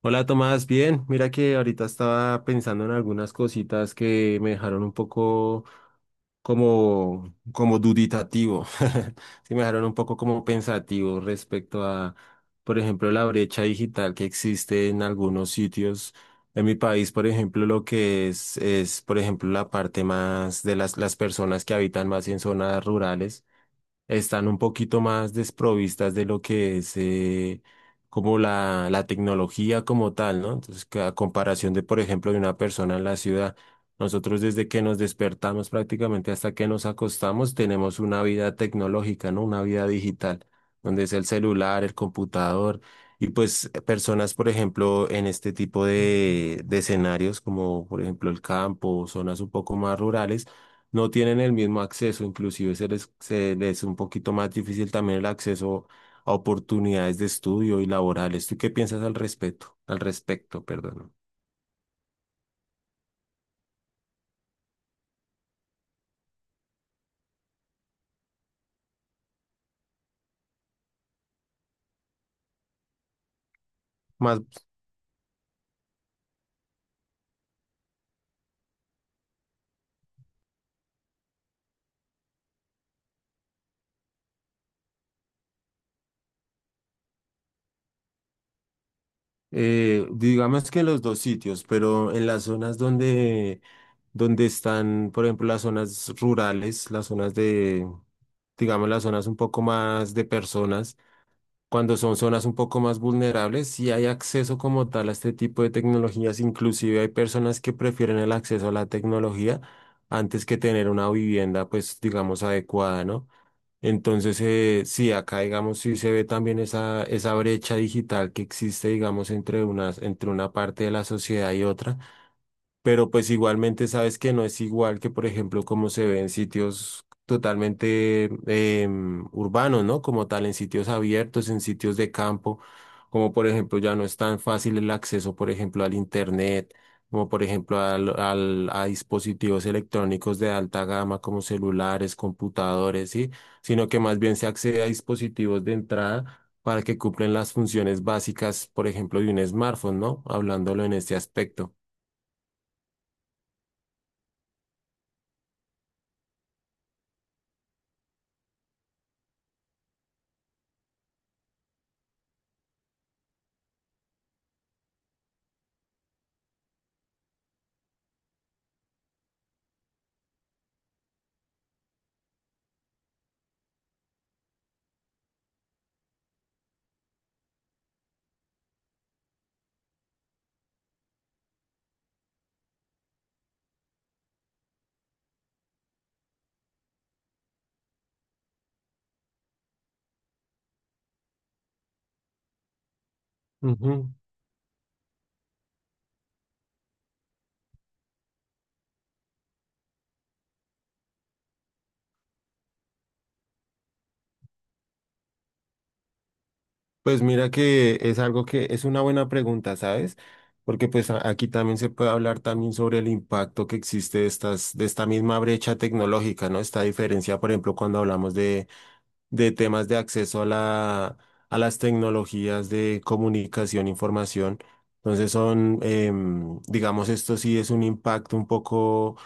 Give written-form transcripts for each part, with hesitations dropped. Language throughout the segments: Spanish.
Hola Tomás, bien, mira que ahorita estaba pensando en algunas cositas que me dejaron un poco como duditativo, sí me dejaron un poco como pensativo respecto a, por ejemplo, la brecha digital que existe en algunos sitios. En mi país, por ejemplo, lo que es, por ejemplo, la parte más de las personas que habitan más en zonas rurales están un poquito más desprovistas de lo que es como la tecnología como tal, ¿no? Entonces, que a comparación de, por ejemplo, de una persona en la ciudad, nosotros desde que nos despertamos prácticamente hasta que nos acostamos, tenemos una vida tecnológica, ¿no? Una vida digital, donde es el celular, el computador. Y pues personas, por ejemplo, en este tipo de escenarios, como por ejemplo el campo, zonas un poco más rurales, no tienen el mismo acceso, inclusive se les es un poquito más difícil también el acceso a oportunidades de estudio y laborales. ¿Tú qué piensas al respecto? Al respecto, perdón. Más, digamos que en los dos sitios, pero en las zonas donde, donde están, por ejemplo, las zonas rurales, las zonas de, digamos, las zonas un poco más de personas. Cuando son zonas un poco más vulnerables, sí hay acceso como tal a este tipo de tecnologías. Inclusive hay personas que prefieren el acceso a la tecnología antes que tener una vivienda, pues digamos, adecuada, ¿no? Entonces, sí, acá, digamos, sí se ve también esa brecha digital que existe, digamos, entre unas, entre una parte de la sociedad y otra, pero pues igualmente sabes que no es igual que, por ejemplo, como se ve en sitios totalmente urbanos, ¿no? Como tal, en sitios abiertos, en sitios de campo, como por ejemplo ya no es tan fácil el acceso, por ejemplo, al internet, como por ejemplo a dispositivos electrónicos de alta gama como celulares, computadores, ¿sí? Sino que más bien se accede a dispositivos de entrada, para que cumplen las funciones básicas, por ejemplo, de un smartphone, ¿no? Hablándolo en este aspecto. Ujú. Pues mira que es algo que es una buena pregunta, ¿sabes? Porque pues aquí también se puede hablar también sobre el impacto que existe de estas, de esta misma brecha tecnológica, ¿no? Esta diferencia, por ejemplo, cuando hablamos de temas de acceso a la, a las tecnologías de comunicación, información. Entonces son, digamos, esto sí es un impacto un poco.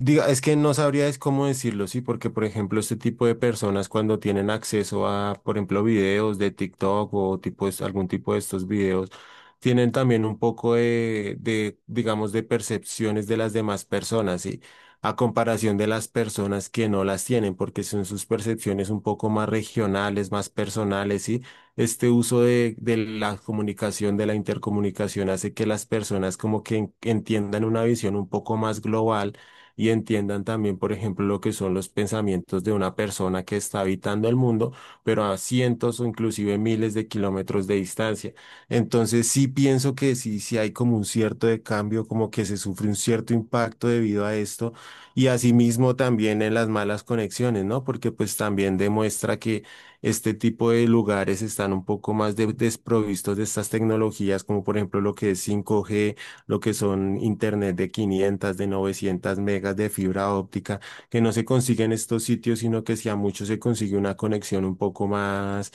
Diga, es que no sabría es cómo decirlo, sí, porque por ejemplo este tipo de personas cuando tienen acceso a, por ejemplo, videos de TikTok o tipo, algún tipo de estos videos, tienen también un poco de, digamos, de percepciones de las demás personas, sí, a comparación de las personas que no las tienen, porque son sus percepciones un poco más regionales, más personales, sí. Este uso de la comunicación, de la intercomunicación, hace que las personas como que entiendan una visión un poco más global y entiendan también, por ejemplo, lo que son los pensamientos de una persona que está habitando el mundo, pero a cientos o inclusive miles de kilómetros de distancia. Entonces sí pienso que sí, sí hay como un cierto de cambio, como que se sufre un cierto impacto debido a esto y asimismo también en las malas conexiones, ¿no? Porque pues también demuestra que este tipo de lugares están un poco más desprovistos de estas tecnologías, como por ejemplo lo que es 5G, lo que son internet de 500, de 900 megas de fibra óptica, que no se consigue en estos sitios, sino que si a muchos se consigue una conexión un poco más,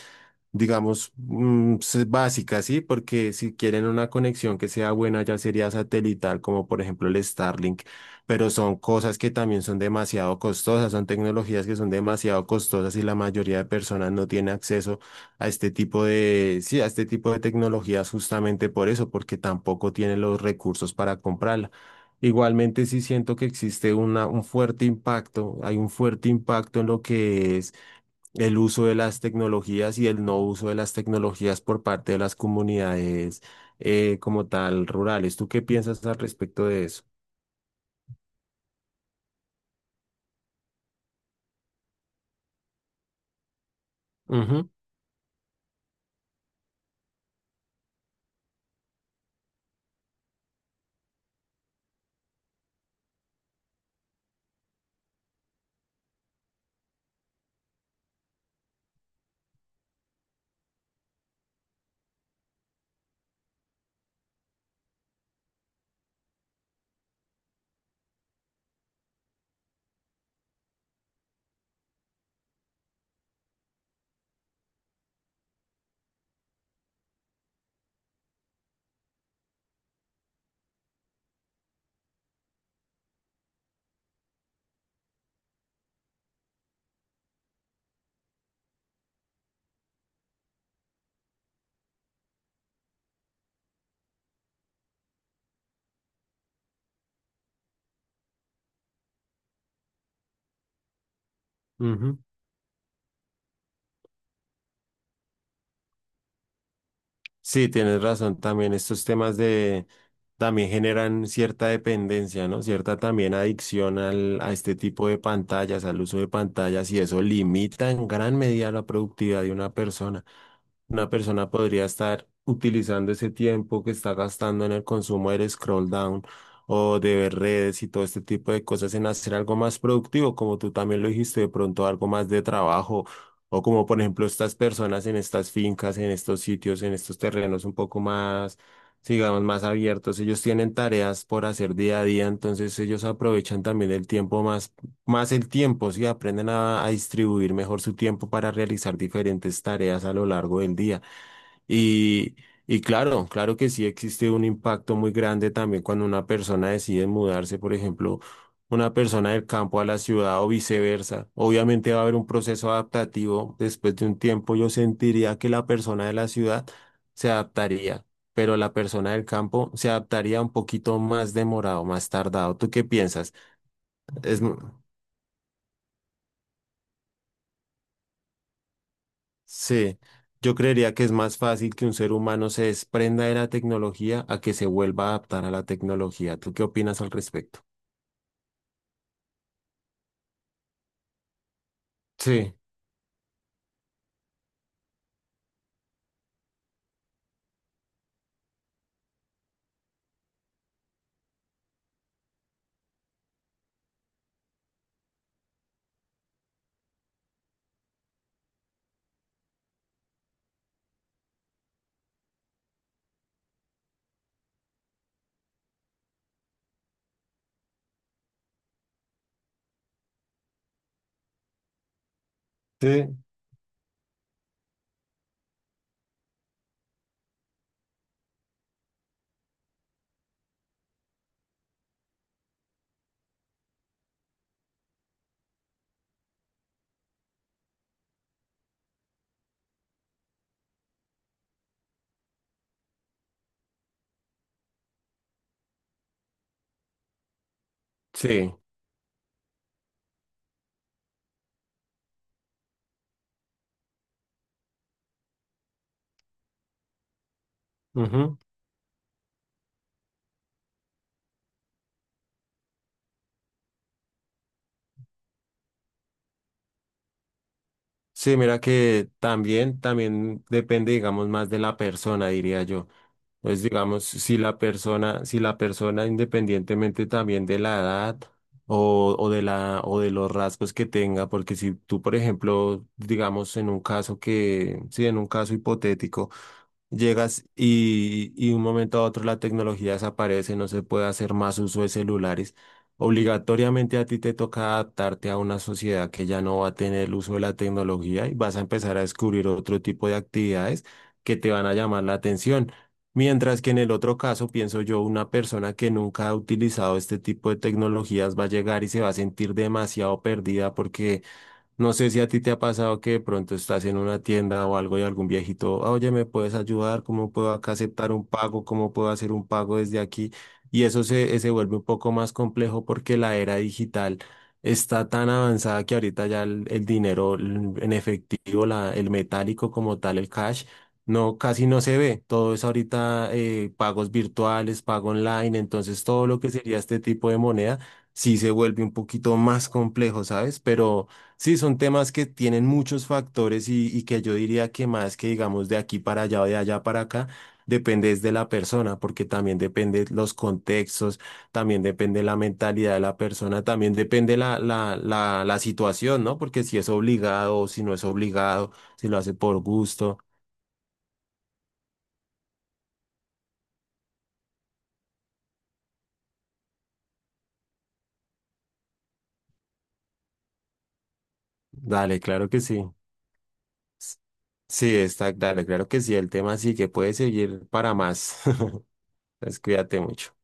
digamos, básica, ¿sí? Porque si quieren una conexión que sea buena, ya sería satelital, como por ejemplo el Starlink, pero son cosas que también son demasiado costosas, son tecnologías que son demasiado costosas y la mayoría de personas no tiene acceso a este tipo de, sí, a este tipo de tecnologías justamente por eso, porque tampoco tienen los recursos para comprarla. Igualmente sí siento que existe una, un fuerte impacto, hay un fuerte impacto en lo que es el uso de las tecnologías y el no uso de las tecnologías por parte de las comunidades como tal rurales. ¿Tú qué piensas al respecto de eso? Ujú, ujú. Sí, tienes razón también. Estos temas de también generan cierta dependencia, ¿no? Cierta también adicción al, a este tipo de pantallas, al uso de pantallas, y eso limita en gran medida la productividad de una persona. Una persona podría estar utilizando ese tiempo que está gastando en el consumo del scroll down o de ver redes y todo este tipo de cosas en hacer algo más productivo, como tú también lo dijiste, de pronto algo más de trabajo o como por ejemplo estas personas en estas fincas, en estos sitios, en estos terrenos un poco más, digamos, más abiertos, ellos tienen tareas por hacer día a día, entonces ellos aprovechan también el tiempo más, más el tiempo, sí, aprenden a distribuir mejor su tiempo para realizar diferentes tareas a lo largo del día. Y, y claro, claro que sí existe un impacto muy grande también cuando una persona decide mudarse, por ejemplo, una persona del campo a la ciudad o viceversa. Obviamente va a haber un proceso adaptativo. Después de un tiempo yo sentiría que la persona de la ciudad se adaptaría, pero la persona del campo se adaptaría un poquito más demorado, más tardado. ¿Tú qué piensas? Es, sí, yo creería que es más fácil que un ser humano se desprenda de la tecnología a que se vuelva a adaptar a la tecnología. ¿Tú qué opinas al respecto? Sí, sí, sí. Ujú. Sí, mira que también, también depende, digamos, más de la persona, diría yo. Entonces, digamos, si la persona, si la persona, independientemente también de la edad o de la, o de los rasgos que tenga, porque si tú, por ejemplo, digamos, en un caso que, sí, en un caso hipotético, llegas y un momento a otro la tecnología desaparece, no se puede hacer más uso de celulares. Obligatoriamente a ti te toca adaptarte a una sociedad que ya no va a tener el uso de la tecnología y vas a empezar a descubrir otro tipo de actividades que te van a llamar la atención. Mientras que en el otro caso, pienso yo, una persona que nunca ha utilizado este tipo de tecnologías va a llegar y se va a sentir demasiado perdida porque no sé si a ti te ha pasado que de pronto estás en una tienda o algo y algún viejito, "Ah, oye, ¿me puedes ayudar? ¿Cómo puedo acá aceptar un pago? ¿Cómo puedo hacer un pago desde aquí?" Y eso se, se vuelve un poco más complejo porque la era digital está tan avanzada que ahorita ya el dinero en efectivo, la, el metálico como tal, el cash, no, casi no se ve. Todo es ahorita pagos virtuales, pago online, entonces todo lo que sería este tipo de moneda sí se vuelve un poquito más complejo, ¿sabes? Pero... Sí, son temas que tienen muchos factores y que yo diría que más que digamos de aquí para allá o de allá para acá, depende es de la persona, porque también depende los contextos, también depende la mentalidad de la persona, también depende la situación, ¿no? Porque si es obligado o si no es obligado, si lo hace por gusto, dale, claro que sí. S- Sí, está, dale, claro que sí, el tema sí que puede seguir para más. Entonces, cuídate mucho.